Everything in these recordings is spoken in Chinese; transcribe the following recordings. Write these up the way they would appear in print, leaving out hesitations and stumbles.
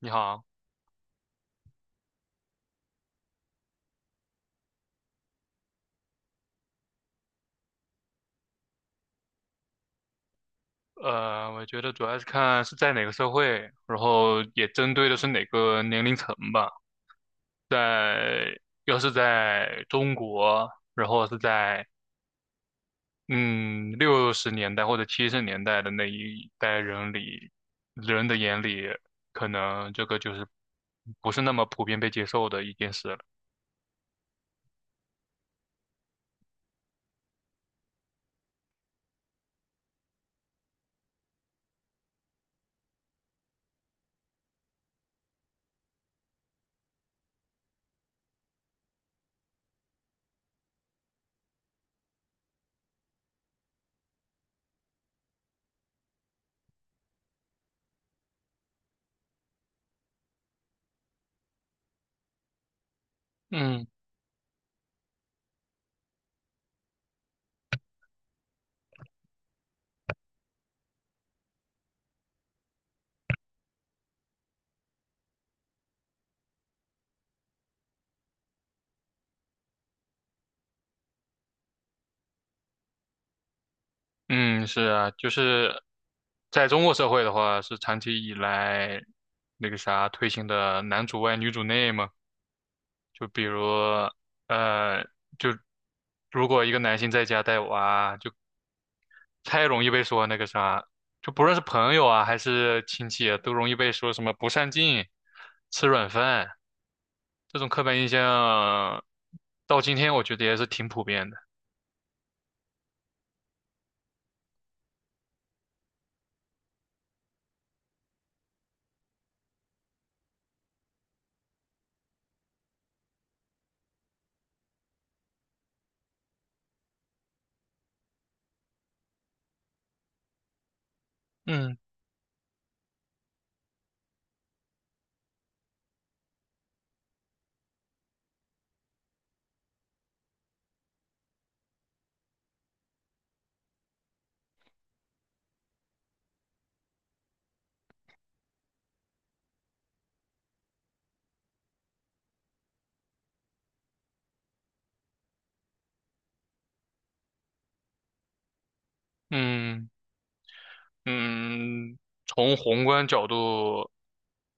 你好，我觉得主要是看是在哪个社会，然后也针对的是哪个年龄层吧。在，要是在中国，然后是在嗯六十年代或者七十年代的那一代人里，人的眼里，可能这个就是不是那么普遍被接受的一件事了。嗯嗯，是啊，就是在中国社会的话，是长期以来那个啥推行的男主外女主内嘛。就比如，呃，就如果一个男性在家带娃，就太容易被说那个啥，就不论是朋友啊还是亲戚啊都容易被说什么不上进、吃软饭这种刻板印象，到今天我觉得也是挺普遍的。嗯嗯嗯，从宏观角度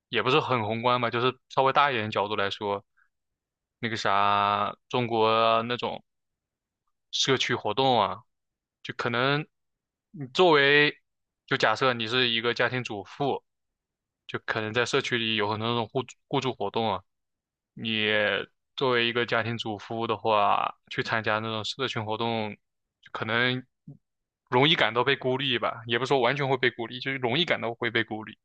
也不是很宏观吧，就是稍微大一点的角度来说，那个啥，中国那种社区活动啊。就可能你作为，就假设你是一个家庭主妇，就可能在社区里有很多那种互助活动啊。你作为一个家庭主妇的话，去参加那种社群活动，可能容易感到被孤立吧，也不是说完全会被孤立，就是容易感到会被孤立。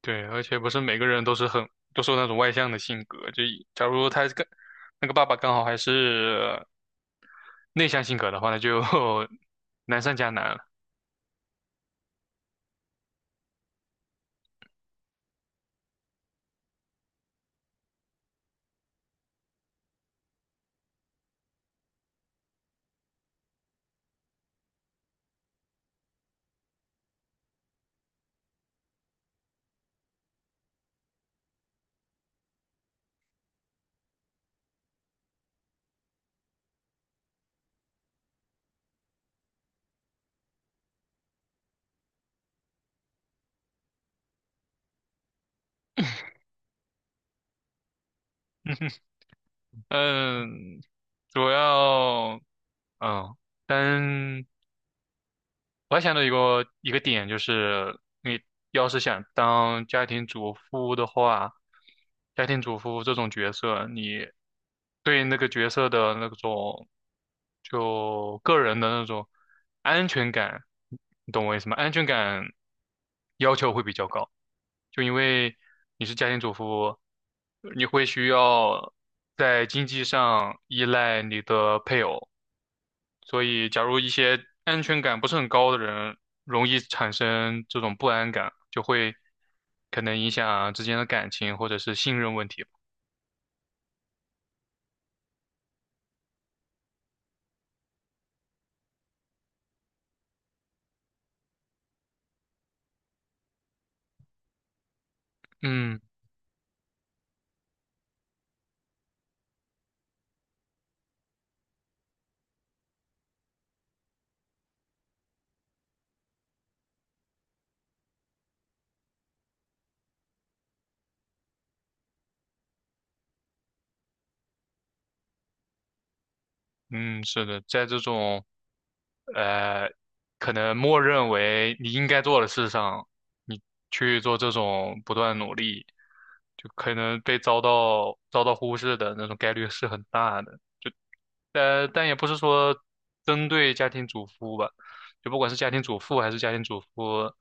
对，而且不是每个人都是那种外向的性格，就以假如他跟那个爸爸刚好还是内向性格的话，那就 难上加难了。嗯，主要嗯，单我还想到一个点，就是你要是想当家庭主妇的话，家庭主妇这种角色，你对那个角色的那种就个人的那种安全感，你懂我意思吗？安全感要求会比较高，就因为你是家庭主妇，你会需要在经济上依赖你的配偶。所以假如一些安全感不是很高的人，容易产生这种不安感，就会可能影响之间的感情或者是信任问题吧。嗯嗯，是的，在这种呃，可能默认为你应该做的事上，你去做这种不断努力，就可能被遭到忽视的那种概率是很大的。呃，但也不是说针对家庭主妇吧，就不管是家庭主妇还是家庭主妇，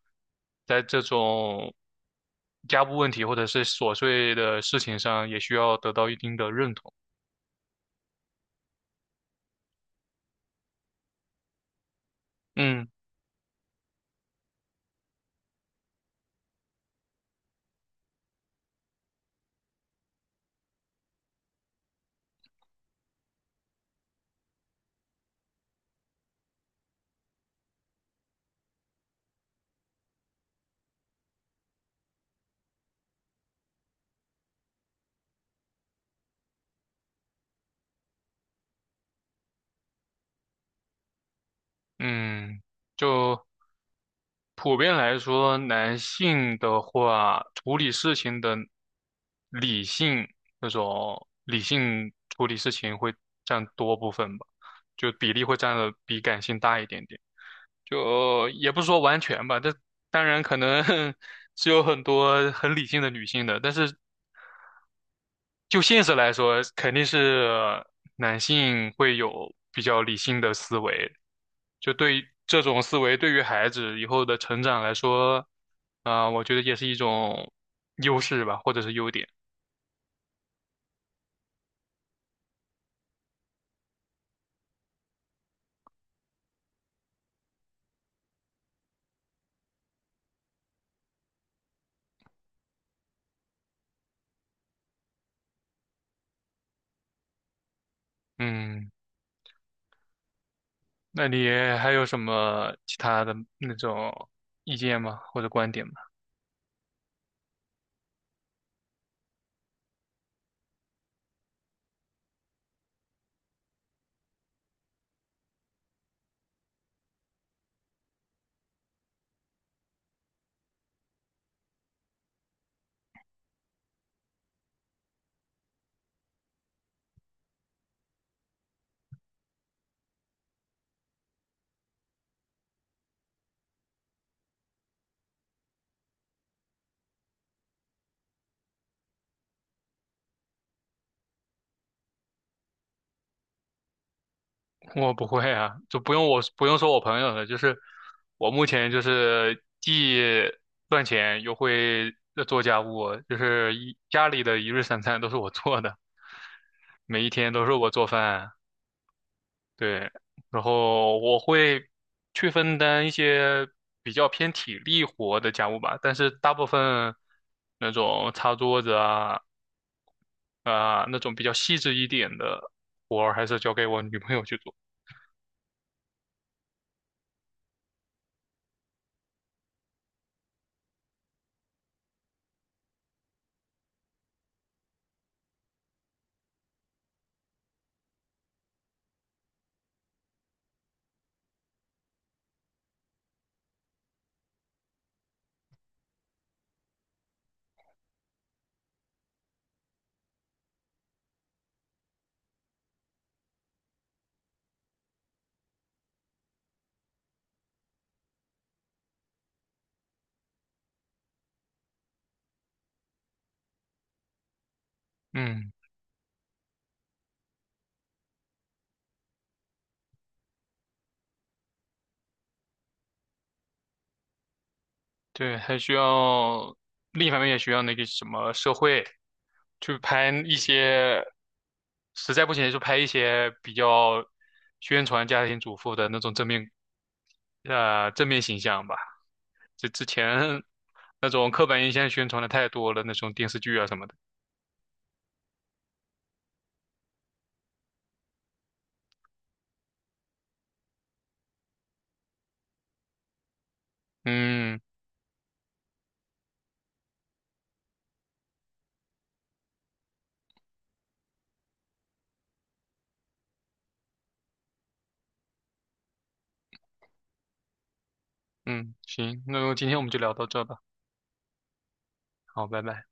在这种家务问题或者是琐碎的事情上，也需要得到一定的认同。嗯嗯，就普遍来说，男性的话，处理事情的理性那种理性处理事情会占多部分吧，就比例会占的比感性大一点点。就也不是说完全吧，但当然可能 是有很多很理性的女性的，但是就现实来说，肯定是男性会有比较理性的思维。就对于这种思维，对于孩子以后的成长来说，啊、我觉得也是一种优势吧，或者是优点。嗯，那你还有什么其他的那种意见吗？或者观点吗？我不会啊，就不用说我朋友了，就是我目前就是既赚钱又会做家务，就是一家里的一日三餐都是我做的，每一天都是我做饭，对，然后我会去分担一些比较偏体力活的家务吧，但是大部分那种擦桌子那种比较细致一点的活儿还是交给我女朋友去做，嗯。对，还需要另一方面也需要那个什么社会，去拍一些，实在不行就拍一些比较宣传家庭主妇的那种正面，呃，正面形象吧。这之前那种刻板印象宣传的太多了，那种电视剧啊什么的。嗯嗯，行，那今天我们就聊到这吧，好，拜拜。